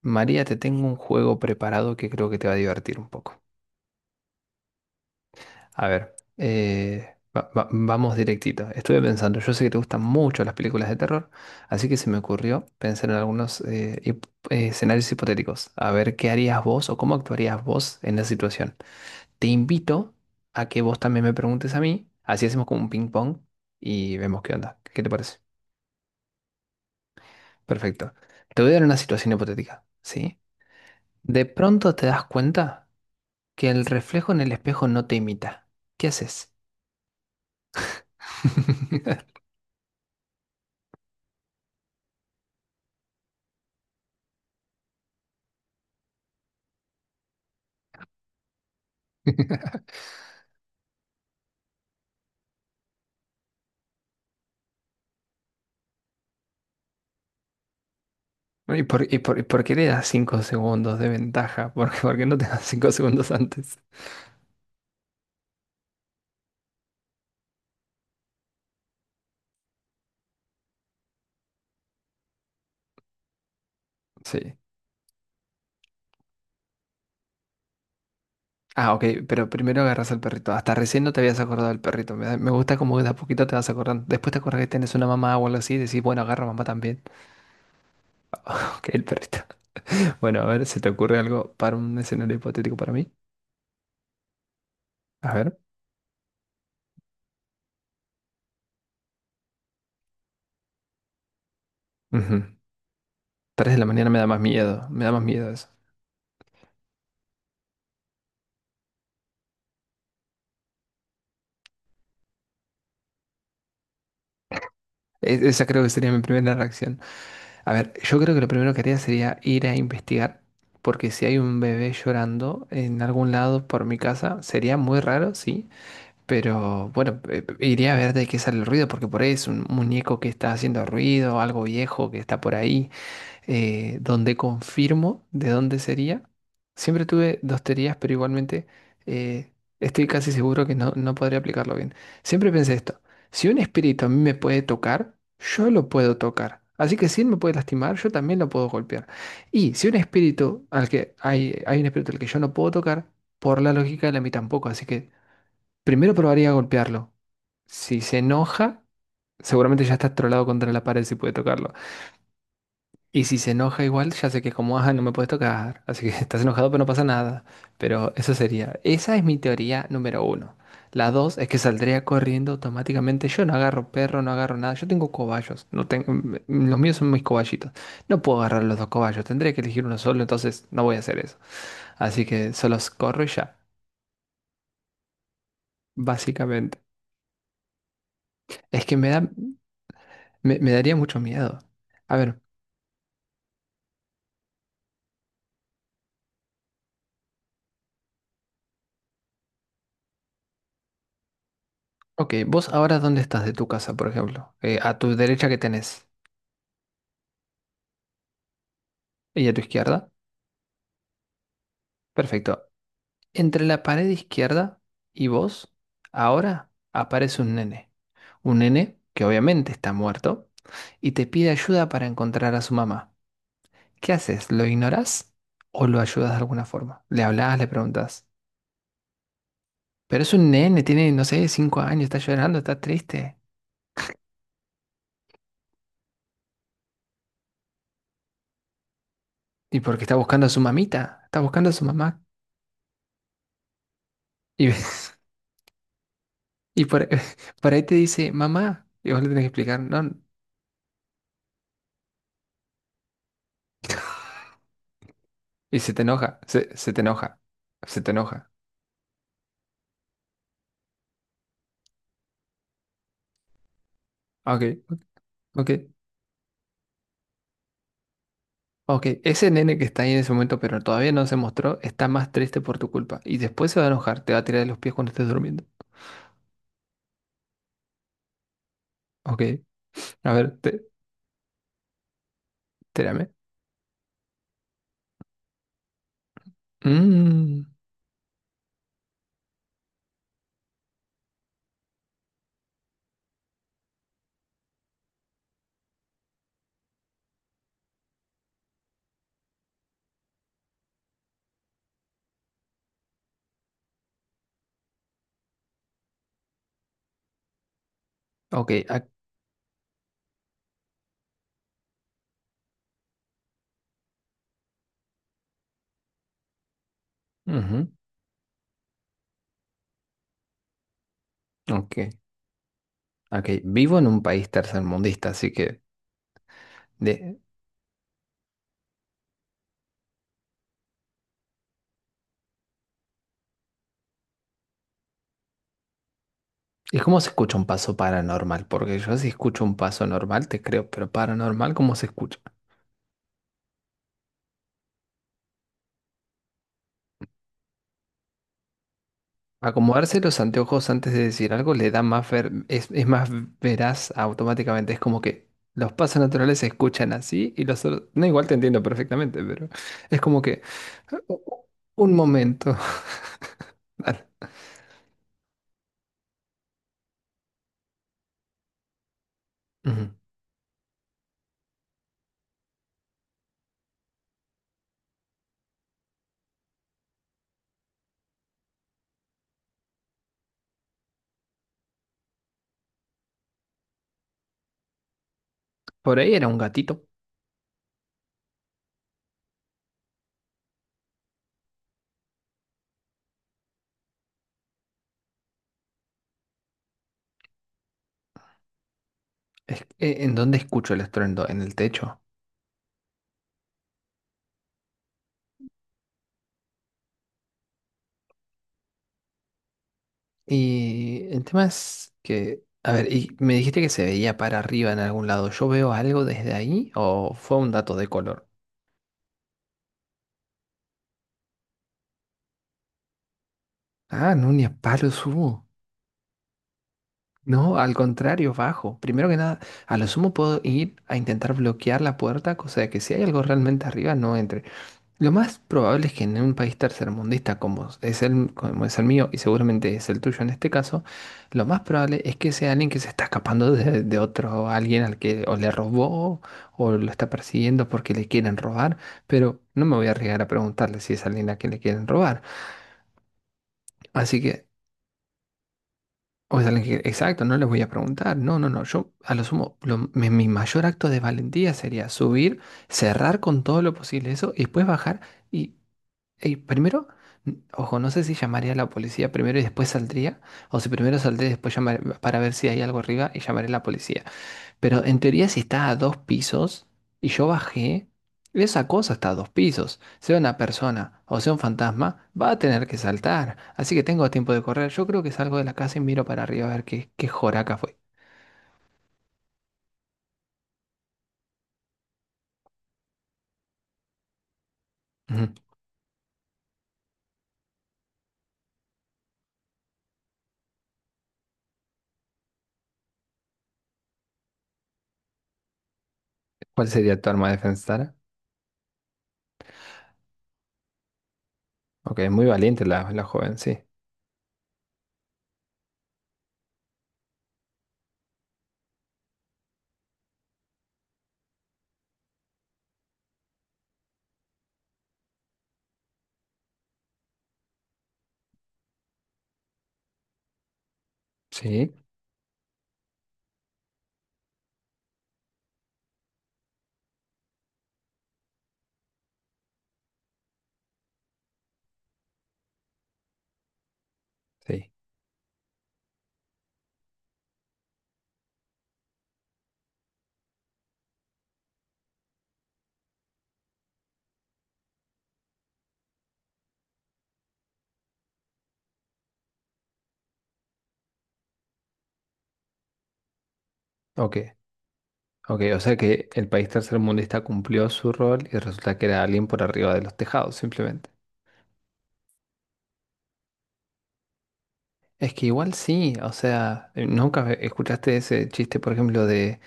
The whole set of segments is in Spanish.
María, te tengo un juego preparado que creo que te va a divertir un poco. A ver, vamos directito. Estuve pensando, yo sé que te gustan mucho las películas de terror, así que se me ocurrió pensar en algunos escenarios hipotéticos. A ver, ¿qué harías vos o cómo actuarías vos en la situación? Te invito a que vos también me preguntes a mí, así hacemos como un ping pong y vemos qué onda. ¿Qué te parece? Perfecto. Te voy a dar una situación hipotética, ¿sí? De pronto te das cuenta. Que el reflejo en el espejo no te imita. ¿Qué haces? ¿Y por qué le das 5 segundos de ventaja? ¿Por qué no te das 5 segundos antes? Sí. Ah, ok, pero primero agarras al perrito. Hasta recién no te habías acordado del perrito. Me gusta como que de a poquito te vas acordando. Después te acuerdas que tenés una mamá o algo así y decís, bueno, agarra mamá también. Ok, el perrito. Bueno, a ver, ¿se te ocurre algo para un escenario hipotético para mí? A ver. Ujú. 3 de la mañana me da más miedo. Me da más miedo eso. Esa creo que sería mi primera reacción. A ver, yo creo que lo primero que haría sería ir a investigar, porque si hay un bebé llorando en algún lado por mi casa, sería muy raro, sí, pero bueno, iría a ver de qué sale el ruido, porque por ahí es un muñeco que está haciendo ruido, algo viejo que está por ahí donde confirmo de dónde sería. Siempre tuve dos teorías, pero igualmente eh, estoy casi seguro que no podría aplicarlo bien. Siempre pensé esto, si un espíritu a mí me puede tocar, yo lo puedo tocar. Así que si él me puede lastimar, yo también lo puedo golpear. Y si un espíritu al que hay un espíritu al que yo no puedo tocar, por la lógica él a mí tampoco. Así que primero probaría a golpearlo. Si se enoja, seguramente ya está trolado contra la pared si puede tocarlo. Y si se enoja igual, ya sé que es como, ah, no me puedes tocar, así que estás enojado, pero no pasa nada. Pero eso sería, esa es mi teoría número uno. La dos es que saldría corriendo automáticamente. Yo no agarro perro, no agarro nada. Yo tengo cobayos. No tengo, m- m- Los míos son mis cobayitos. No puedo agarrar los dos cobayos. Tendría que elegir uno solo, entonces no voy a hacer eso. Así que solo corro y ya, básicamente. Es que me da, Me daría mucho miedo. A ver, ok, vos ahora dónde estás de tu casa, por ejemplo. A tu derecha, ¿qué tenés? ¿Y a tu izquierda? Perfecto. Entre la pared izquierda y vos, ahora aparece un nene. Un nene que obviamente está muerto y te pide ayuda para encontrar a su mamá. ¿Qué haces? ¿Lo ignorás o lo ayudas de alguna forma? Le hablas, le preguntas. Pero es un nene, tiene, no sé, cinco años, está llorando, está triste. Y porque está buscando a su mamita, está buscando a su mamá. Y, ves- y por, por ahí te dice, mamá. Y vos le tenés que explicar, no. Y se te enoja, se te enoja. Ah, ok, ok. Ok, ese nene que está ahí en ese momento, pero todavía no se mostró, está más triste por tu culpa. Y después se va a enojar, te va a tirar de los pies cuando estés durmiendo. Ok, a ver, espérame. Mm, ok, ac- ujú, ok, ok. Vivo en un país tercermundista, así que... De, ¿y cómo se escucha un paso paranormal? Porque yo si escucho un paso normal, te creo, pero paranormal, ¿cómo se escucha? Acomodarse los anteojos antes de decir algo le da más ver, es más veraz automáticamente. Es como que los pasos naturales se escuchan así y los otros. No, igual te entiendo perfectamente, pero es como que. "U- Un momento. Dale. Ujú. Por ahí era un gatito. ¿En dónde escucho el estruendo? En el techo. Y el tema es que. A ver, y me dijiste que se veía para arriba en algún lado. ¿Yo veo algo desde ahí o fue un dato de color? Ah, no, ni a palos hubo. No, al contrario, bajo. Primero que nada, a lo sumo puedo ir a intentar bloquear la puerta, cosa de que si hay algo realmente arriba no entre. Lo más probable es que en un país tercermundista como es el mío y seguramente es el tuyo en este caso, lo más probable es que sea alguien que se está escapando de otro, alguien al que o le robó o lo está persiguiendo porque le quieren robar, pero no me voy a arriesgar a preguntarle si es alguien a quien le quieren robar. Así que, o sea, le dije, exacto, no les voy a preguntar. No, no, no. Yo, a lo sumo, mi mayor acto de valentía sería subir, cerrar con todo lo posible eso y después bajar. Y, y primero, ojo, no sé si llamaría a la policía primero y después saldría, o si primero saldría y después llamaré para ver si hay algo arriba y llamaré a la policía. Pero en teoría, si está a dos pisos y yo bajé, esa cosa está a dos pisos. Sea una persona o sea un fantasma, va a tener que saltar. Así que tengo tiempo de correr. Yo creo que salgo de la casa y miro para arriba a ver qué, qué joraca fue. Ujú. ¿Cuál sería tu arma de defensa? Ok, es muy valiente la joven, sí. Sí, sí. Ok, ok. O sea que el país tercermundista cumplió su rol y resulta que era alguien por arriba de los tejados, simplemente. Es que igual sí, o sea, nunca escuchaste ese chiste, por ejemplo, de,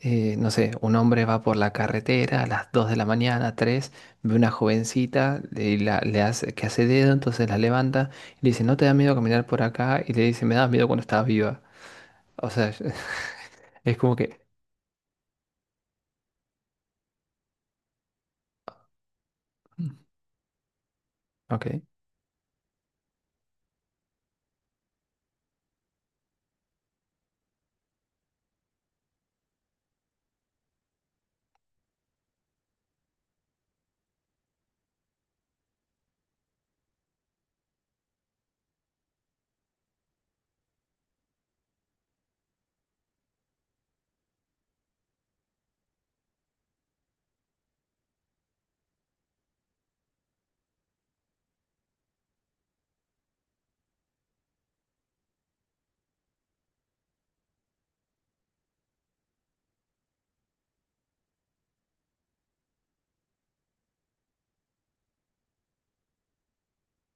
eh, no sé, un hombre va por la carretera a las 2 de la mañana, 3 ve una jovencita y le hace, que hace dedo, entonces la levanta y le dice, ¿no te da miedo caminar por acá? Y le dice, me da miedo cuando estaba viva. O sea, es como que, mm, ok.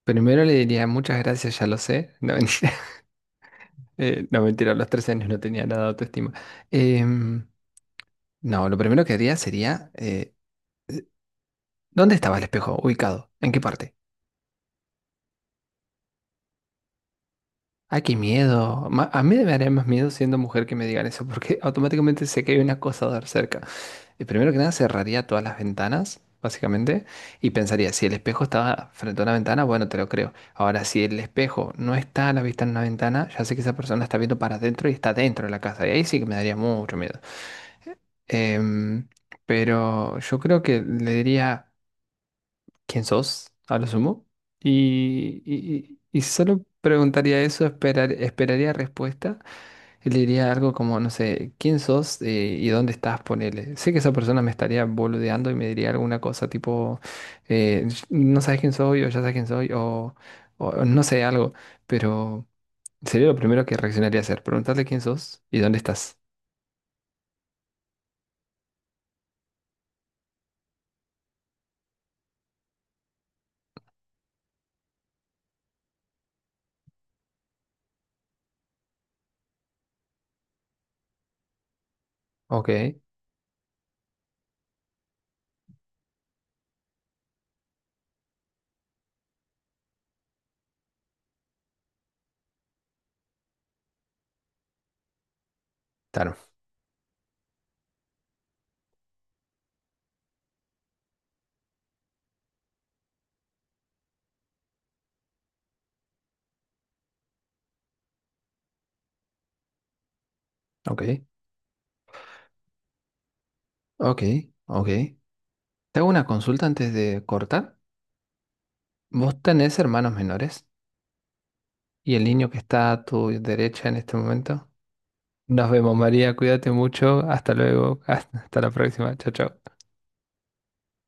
Primero le diría, muchas gracias, ya lo sé. No, mentira. No, mentira, a los 13 años no tenía nada de autoestima. Em, no, lo primero que haría sería... ¿dónde estaba el espejo ubicado? ¿En qué parte? Ay, qué miedo. A mí me daría más miedo siendo mujer que me digan eso, porque automáticamente sé que hay un acosador cerca. Y primero que nada, cerraría todas las ventanas, básicamente, y pensaría, si el espejo estaba frente a una ventana, bueno, te lo creo. Ahora, si el espejo no está a la vista en una ventana, ya sé que esa persona está viendo para adentro y está dentro de la casa. Y ahí sí que me daría mucho miedo. Em, pero yo creo que le diría... quién sos, a lo sumo. Y solo preguntaría eso, esperaría respuesta. Y le diría algo como, no sé, quién sos y dónde estás, ponele. Sé que esa persona me estaría boludeando y me diría alguna cosa tipo, eh, no sabes quién soy o ya sabes quién soy o no sé, algo. Pero sería lo primero que reaccionaría a hacer, preguntarle quién sos y dónde estás. Ok, claro. Ok, ok, ok. Te hago una consulta antes de cortar. ¿Vos tenés hermanos menores? ¿Y el niño que está a tu derecha en este momento? Nos vemos, María. Cuídate mucho. Hasta luego. Hasta la próxima. Chao, chao.